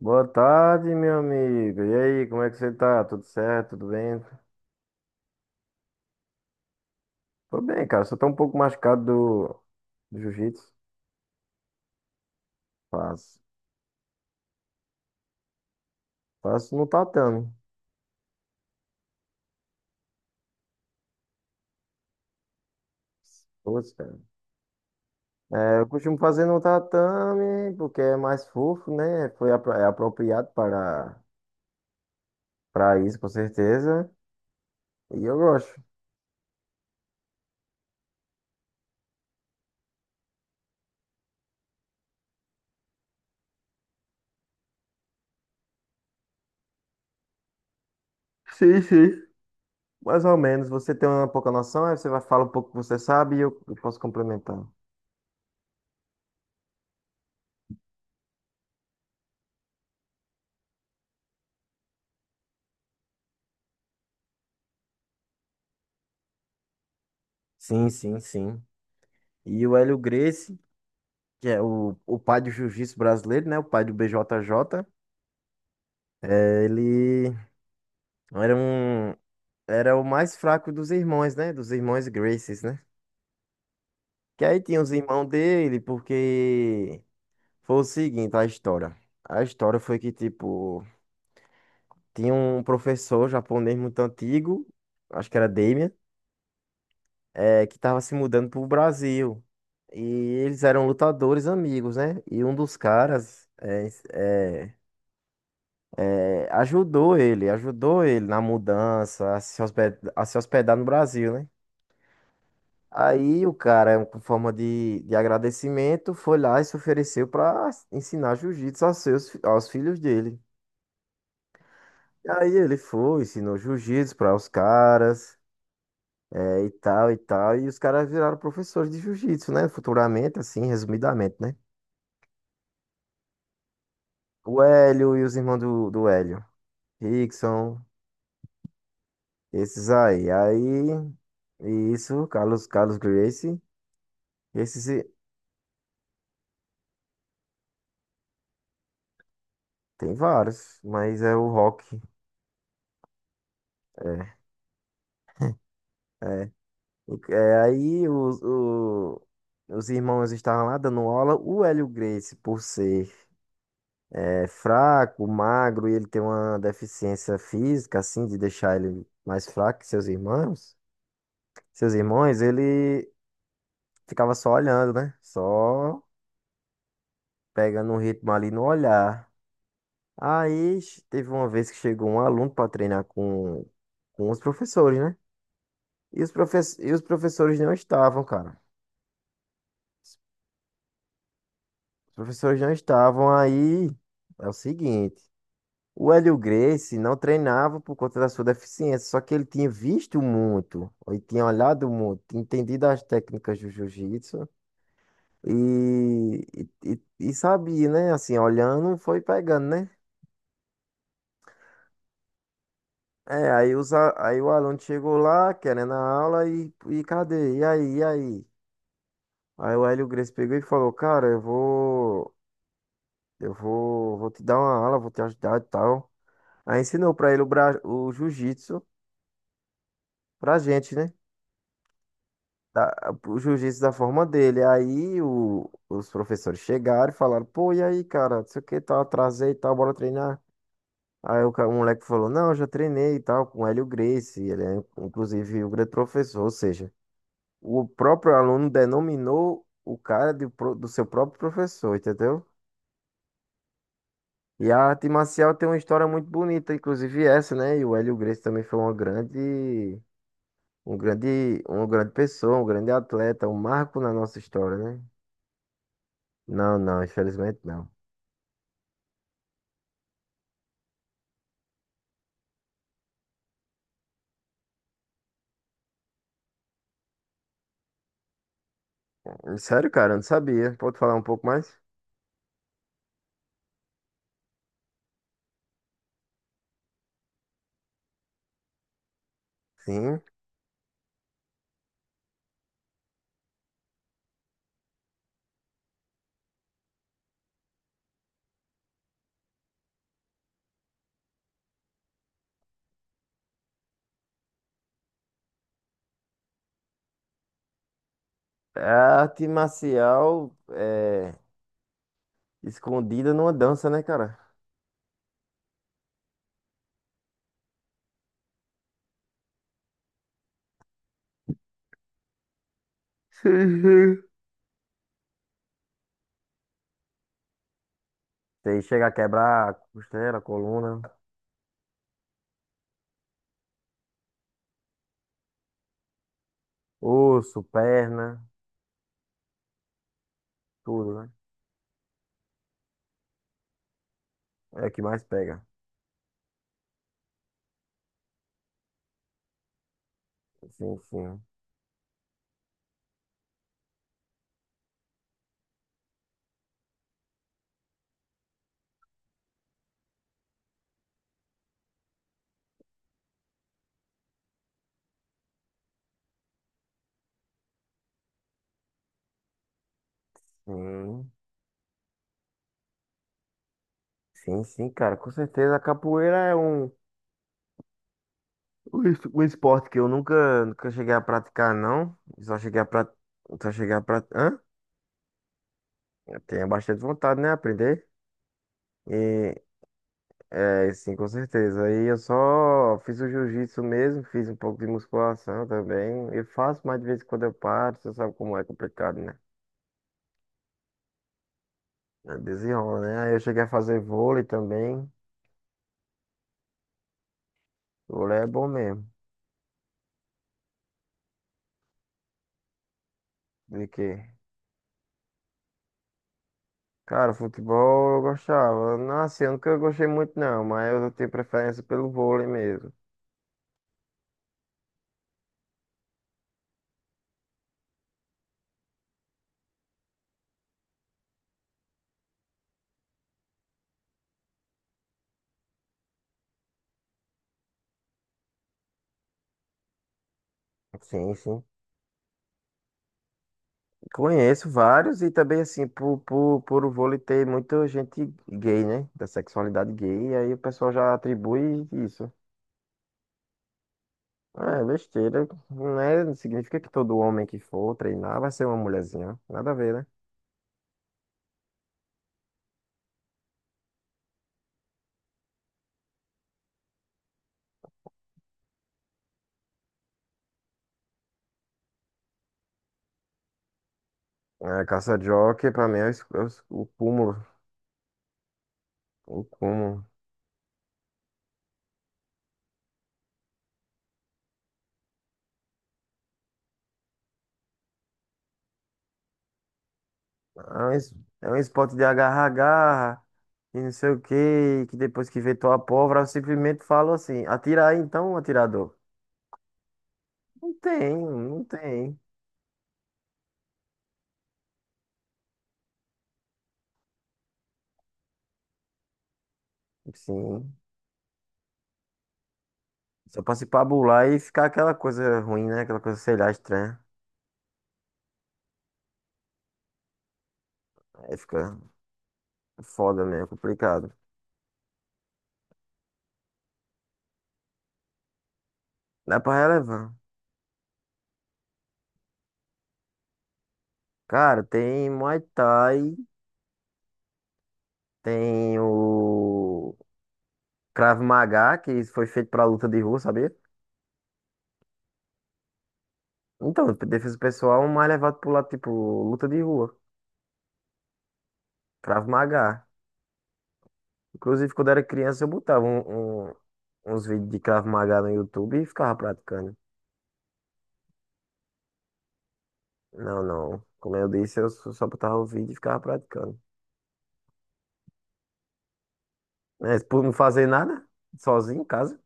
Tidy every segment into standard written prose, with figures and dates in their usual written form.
Boa tarde, meu amigo. E aí, como é que você tá? Tudo certo? Tudo bem? Tô bem, cara. Só tô um pouco machucado do jiu-jitsu. Faço. Faço no tatame. Putz, cara. É, eu costumo fazer no tatame porque é mais fofo, né? É apropriado para isso, com certeza. E eu gosto. Sim, sim. Mais ou menos. Você tem uma pouca noção, aí você vai falar um pouco que você sabe e eu posso complementar. Sim, sim, sim. E o Hélio Gracie, que é o pai do jiu-jitsu brasileiro, né? O pai do BJJ. É, era um, era o mais fraco dos irmãos, né? Dos irmãos Gracies, né? Que aí tinha os irmãos dele, porque foi o seguinte, a história. A história foi que, tipo, tinha um professor japonês muito antigo, acho que era Damien, é, que tava se mudando pro Brasil. E eles eram lutadores amigos, né? E um dos caras é, é, ajudou ele na mudança, a se hospedar no Brasil, né? Aí o cara, com forma de agradecimento, foi lá e se ofereceu para ensinar jiu-jitsu aos seus, aos filhos dele. E aí ele foi, ensinou jiu-jitsu para os caras, é, e tal, e tal. E os caras viraram professores de jiu-jitsu, né? Futuramente, assim, resumidamente, né? O Hélio e os irmãos do Hélio. Rickson, esses aí. Aí, isso, Carlos Gracie. Esses, tem vários, mas é o rock. É, é. O- é, aí os, o- os irmãos estavam lá dando aula. O Hélio Gracie, por ser é, fraco, magro, e ele tem uma deficiência física, assim, de deixar ele mais fraco que seus irmãos. Seus irmãos, ele ficava só olhando, né? Só pegando um ritmo ali no olhar. Teve uma vez que chegou um aluno para treinar com os professores, né? E os professores não estavam, cara. Os professores não estavam aí. É o seguinte, o Hélio Gracie não treinava por conta da sua deficiência, só que ele tinha visto muito, ele tinha olhado muito, tinha entendido as técnicas do jiu-jitsu e, e sabia, né? Assim, olhando, foi pegando, né? É, aí o aluno chegou lá, querendo a aula, e cadê? E aí, e aí? Aí o Hélio Gracie pegou e falou, cara, eu vou, vou te dar uma aula, vou te ajudar e tal. Aí ensinou pra ele o, bra... o jiu-jitsu pra gente, né? O jiu-jitsu da forma dele. Aí os professores chegaram e falaram, pô, e aí, cara, não sei o que, tal, atrasei e tal, bora treinar. Aí o moleque falou, não, eu já treinei e tal, com o Hélio Gracie, ele é, inclusive, o grande professor, ou seja, o próprio aluno denominou o cara de do seu próprio professor, entendeu? E a arte marcial tem uma história muito bonita, inclusive essa, né? E o Hélio Gracie também foi uma grande, um grande, uma grande pessoa, um grande atleta, um marco na nossa história, né? Não, não, infelizmente não. Sério, cara, eu não sabia. Pode falar um pouco mais? Sim. É a arte marcial é escondida numa dança, né, cara? Sim, sim. Você chega a quebrar a costela, a coluna, osso, perna, tudo, né? É o que mais pega. Sim, sim, sim. Sim, sim, cara, com certeza. A capoeira é um, o, o esporte que eu nunca cheguei a praticar, não. Só cheguei a praticar. Só cheguei a praticar. Hã? Eu tenho bastante vontade, né? Aprender. E é, sim, com certeza. Aí eu só fiz o jiu-jitsu mesmo, fiz um pouco de musculação também. Eu faço, mas de vez em quando eu paro, você sabe como é complicado, né? É desenrola, né? Aí eu cheguei a fazer vôlei também. Vôlei é bom mesmo. De quê? Cara, futebol eu gostava. Não, assim, eu nunca gostei muito, não, mas eu tenho preferência pelo vôlei mesmo. Sim, sim. Conheço vários e também assim, por o vôlei ter muita gente gay, né? Da sexualidade gay, e aí o pessoal já atribui isso. Ah, é besteira, não é? Não significa que todo homem que for treinar vai ser uma mulherzinha. Nada a ver, né? É, caça-jockey pra mim é, o, é o cúmulo. O cúmulo. É um, es- é um esporte de agarra-agarra e não sei o quê, que depois que vê tua pólvora, eu simplesmente falo assim, atira aí então, atirador. Não tem, não tem. Sim. Só pra se pabular e ficar aquela coisa ruim, né? Aquela coisa, sei lá, estranha. Aí fica foda mesmo, complicado. Dá pra relevar. Cara, tem Muay Thai, tem o Krav Maga, que foi feito pra luta de rua, sabia? Então, defesa pessoal, é um mais levado pro lado, tipo, luta de rua. Krav Maga. Inclusive, quando era criança, eu botava uns vídeos de Krav Maga no YouTube e ficava praticando. Não, não. Como eu disse, eu só botava o vídeo e ficava praticando. Né, por não fazer nada, sozinho em casa.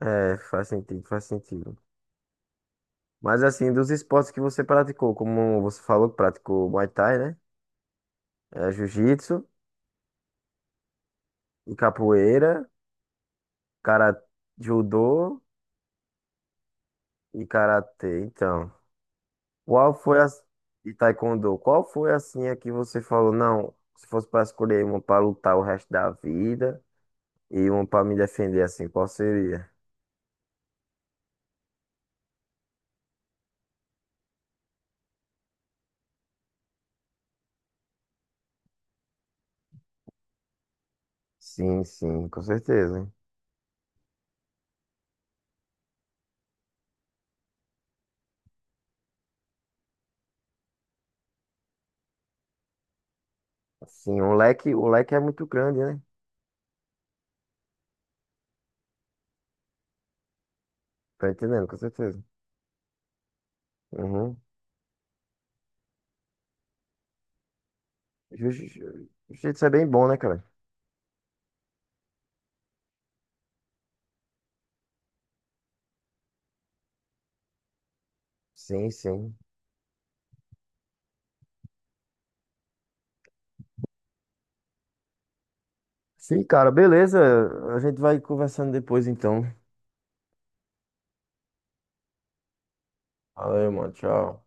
É, faz sentido, faz sentido. Mas assim, dos esportes que você praticou, como você falou que praticou Muay Thai, né? É, jiu-jitsu e capoeira, cara, judô e karatê. Então, qual foi a... E taekwondo. Qual foi assim a que você falou, não, se fosse para escolher uma para lutar o resto da vida e uma para me defender assim, qual seria? Sim, sim, com certeza. Sim, o leque é muito grande, né? Tá entendendo, com certeza. Uhum. Jiu- Jiu-jitsu é bem bom, né, cara? Sim, sim. Sim, cara, beleza. A gente vai conversando depois, então. Valeu, mano. Tchau.